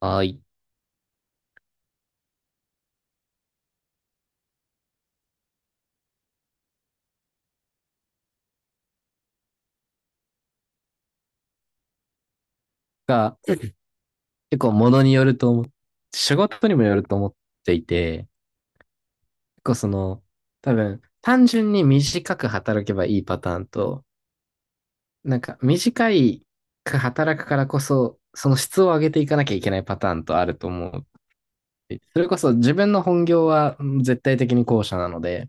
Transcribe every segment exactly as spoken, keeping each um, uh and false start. あい。が、結構物によると思って仕事にもよると思っていて、結構その、多分、単純に短く働けばいいパターンと、なんか短いく働くからこそ、その質を上げていかなきゃいけないパターンとあると思う。それこそ自分の本業は絶対的に後者なので、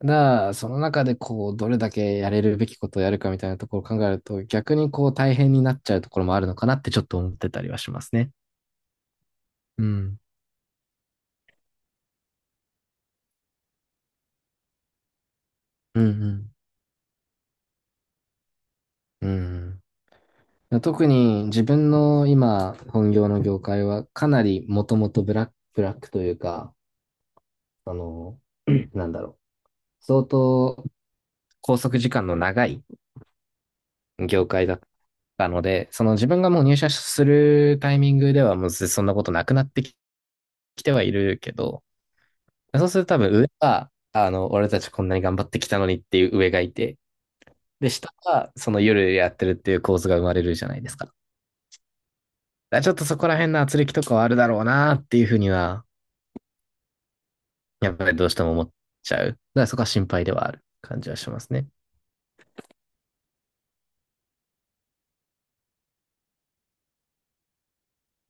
だからその中でこう、どれだけやれるべきことをやるかみたいなところを考えると、逆にこう大変になっちゃうところもあるのかなってちょっと思ってたりはしますね。うん。うんうん。うん。特に自分の今本業の業界はかなりもともとブラック、ブラックというか、あの、なんだろう、相当拘束時間の長い業界だったので、その自分がもう入社するタイミングではもうそんなことなくなってきてはいるけど、そうすると多分上は、あの、俺たちこんなに頑張ってきたのにっていう上がいて、で、下はその夜やってるっていう構図が生まれるじゃないですか。だからちょっとそこら辺の圧力とかはあるだろうなっていうふうにはやっぱりどうしても思っちゃう。だからそこは心配ではある感じはしますね。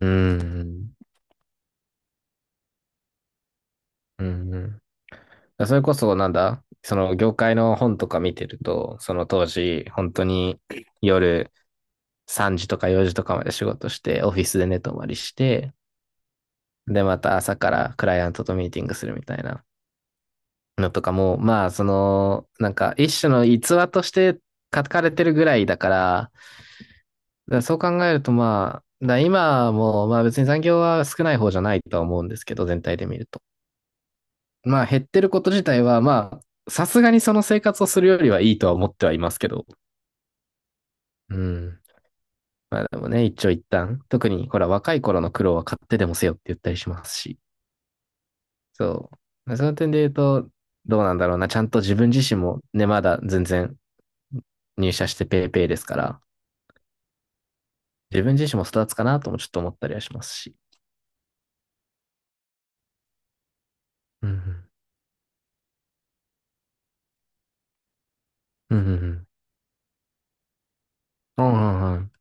うーん。うんうん。だからそれこそなんだその業界の本とか見てると、その当時、本当に夜さんじとかよじとかまで仕事して、オフィスで寝泊まりして、で、また朝からクライアントとミーティングするみたいなのとかも、まあ、その、なんか一種の逸話として書かれてるぐらいだから、だからそう考えると、まあ、だから今も、まあ別に残業は少ない方じゃないとは思うんですけど、全体で見ると。まあ減ってること自体は、まあ、さすがにその生活をするよりはいいとは思ってはいますけど。うん。まあでもね、一長一短。特に、ほら、若い頃の苦労は買ってでもせよって言ったりしますし。そう。その点で言うと、どうなんだろうな。ちゃんと自分自身もね、まだ全然入社してペーペーですから、自分自身も育つかなともちょっと思ったりはしますし。うんうん。うんうんうん。うんうんうん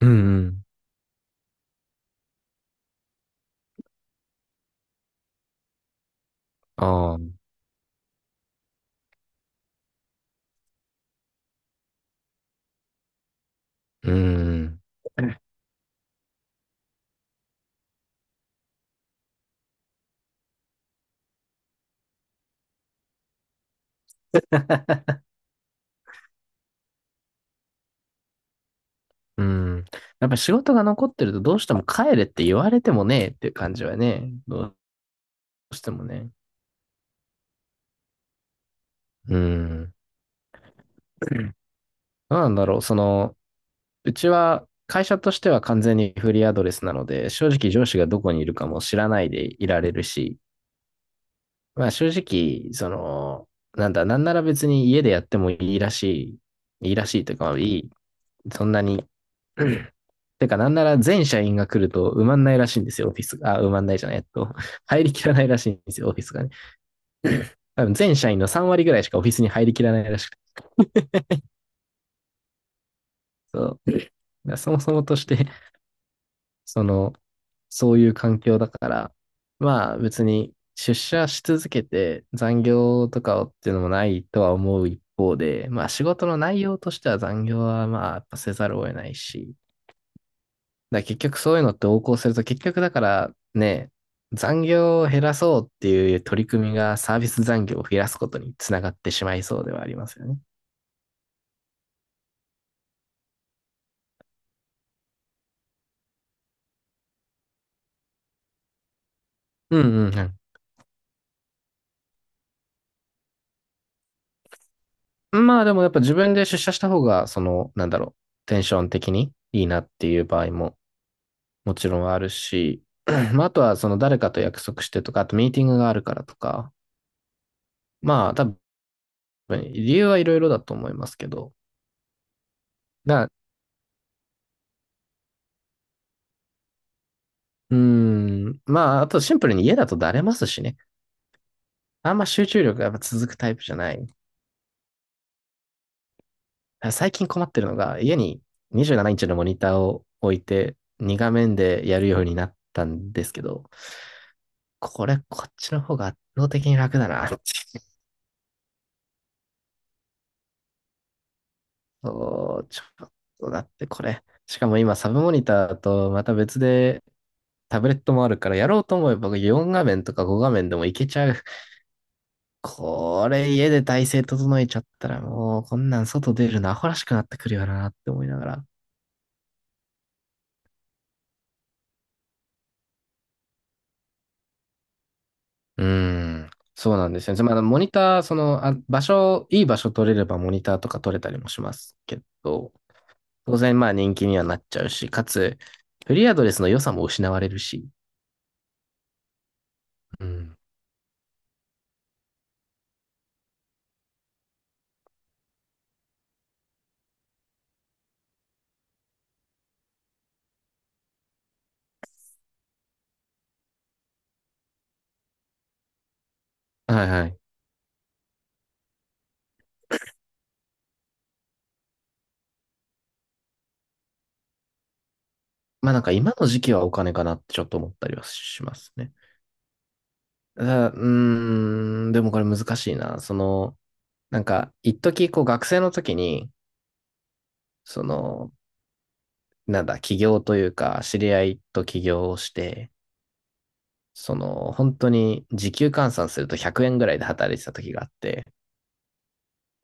うんうん。ああ、うん。うん。やっぱ仕事が残ってるとどうしても帰れって言われてもねえっていう感じはね、どうしてもね。うん。どうなんだろう。その、うちは会社としては完全にフリーアドレスなので、正直上司がどこにいるかも知らないでいられるし、まあ正直、その、なんだ、なんなら別に家でやってもいいらしい、いいらしいというか、いい、そんなにてか、なんなら全社員が来ると埋まんないらしいんですよ、オフィスが。あ、埋まんないじゃない、えっと。入りきらないらしいんですよ、オフィスがね。多分全社員のさん割ぐらいしかオフィスに入りきらないらしくて。そう。そもそもとして、その、そういう環境だから、まあ別に出社し続けて残業とかっていうのもないとは思う一方で、まあ仕事の内容としては残業はまあやっぱせざるを得ないし、だから結局そういうのって横行すると、結局だからね、残業を減らそうっていう取り組みがサービス残業を増やすことにつながってしまいそうではありますよね。うんうんうん。まあでもやっぱ自分で出社した方が、その、なんだろう、テンション的にいいなっていう場合ももちろんあるし、まああとはその誰かと約束してとか、あとミーティングがあるからとか、まあ多分理由はいろいろだと思いますけど、だうーん、まああとシンプルに家だとだれますしね。あんま集中力がやっぱ続くタイプじゃない。最近困ってるのが、家ににじゅうななインチのモニターを置いて、に画面でやるようになったんですけど、これ、こっちの方が圧倒的に楽だな。そう、ちょっとだってこれ。しかも今、サブモニターとまた別でタブレットもあるから、やろうと思えばよん画面とかご画面でもいけちゃう。これ、家で体勢整えちゃったらもう、こんなん外出るのアホらしくなってくるよなって思いながら。うーん。そうなんですよね。まあ、モニター、その、あ、場所、いい場所取れればモニターとか取れたりもしますけど、当然まあ人気にはなっちゃうし、かつ、フリーアドレスの良さも失われるし。うん。はいはい。まあなんか今の時期はお金かなってちょっと思ったりはしますね。ただ、うーん、でもこれ難しいな。その、なんか、一時こう学生の時に、その、なんだ、起業というか、知り合いと起業をして、その、本当に時給換算するとひゃくえんぐらいで働いてた時があって、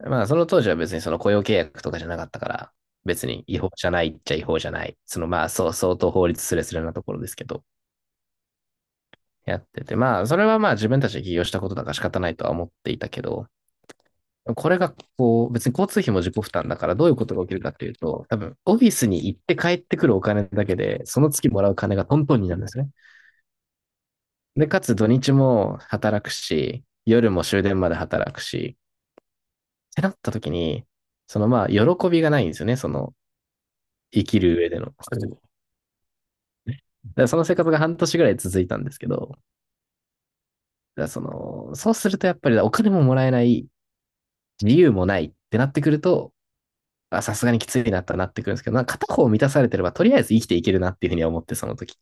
まあ、その当時は別にその雇用契約とかじゃなかったから、別に違法じゃないっちゃ違法じゃない。そのまあ、そう、相当法律すれすれなところですけど、やってて、まあ、それはまあ自分たちで起業したことだから仕方ないとは思っていたけど、これがこう、別に交通費も自己負担だからどういうことが起きるかっていうと、多分オフィスに行って帰ってくるお金だけで、その月もらう金がトントンになるんですね。で、かつ土日も働くし、夜も終電まで働くし、てなった時に、そのまあ、喜びがないんですよね、その、生きる上での。だからその生活が半年ぐらい続いたんですけど、だからその、そうするとやっぱりお金ももらえない、理由もないってなってくると、あさすがにきついなってなってくるんですけど、なんか片方満たされてれば、とりあえず生きていけるなっていうふうには思って、その時。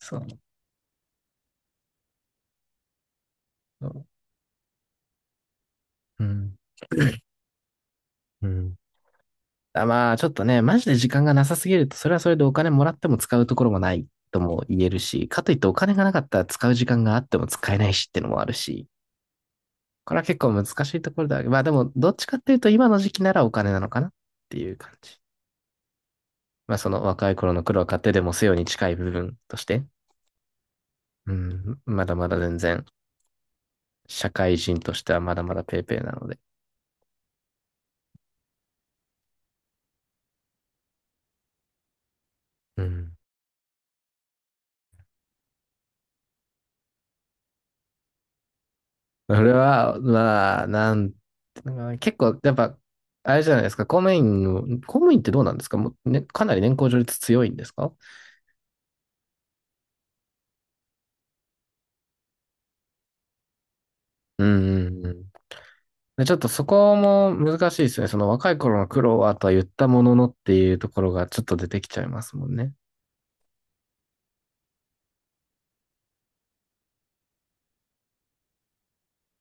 そう。うん。うん。あまあ、ちょっとね、マジで時間がなさすぎると、それはそれでお金もらっても使うところもないとも言えるし、かといってお金がなかったら使う時間があっても使えないしっていうのもあるし、これは結構難しいところだ。まあでも、どっちかっていうと今の時期ならお金なのかなっていう感じ。まあその若い頃の苦労を買ってでもせよに近い部分として、うん、まだまだ全然、社会人としてはまだまだペーペーなので。うん。俺は、まあ、なん結構、やっぱ、あれじゃないですか、公務員の、公務員ってどうなんですかもう、ね、かなり年功序列強いんですか？うんうんうん。で、ちょっとそこも難しいですね。その若い頃の苦労はとは言ったもののっていうところがちょっと出てきちゃいますもんね。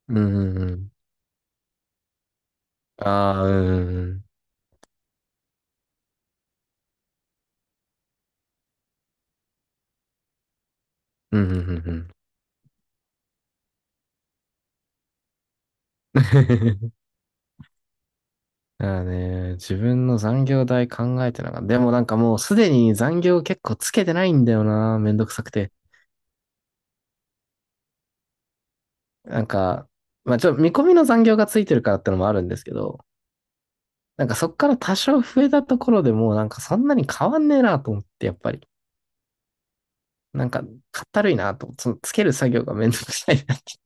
うんうんうん。ああ、うんうんうん。うんうんうんうん。だからね、自分の残業代考えてなかった。でもなんかもうすでに残業結構つけてないんだよな。めんどくさくて。なんか、まあちょっと見込みの残業がついてるからってのもあるんですけど、なんかそっから多少増えたところでもうなんかそんなに変わんねえなと思って、やっぱり。なんか、かったるいなとその、つける作業がめんどくさいな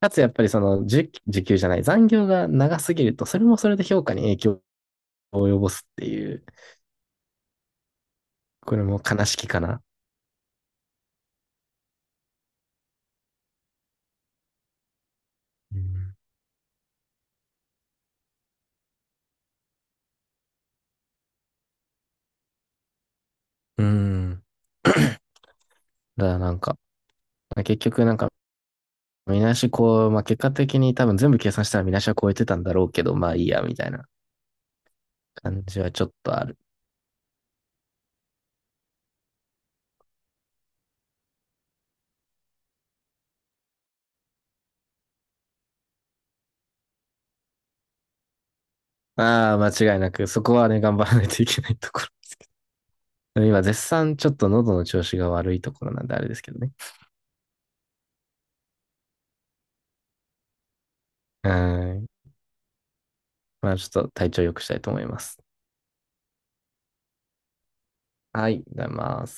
かつ、やっぱりその、時時給じゃない、残業が長すぎると、それもそれで評価に影響を及ぼすっていう、これも悲しきかな。うん。だからなんか、結局なんか、見なしこう、まあ、結果的に多分全部計算したら見なしは超えてたんだろうけど、まあいいや、みたいな感じはちょっとある。ああ、間違いなく、そこはね、頑張らないといけないところ。今、絶賛ちょっと喉の調子が悪いところなんであれですけどね。うん。まあ、ちょっと体調良くしたいと思います。はい、ありがとうございます。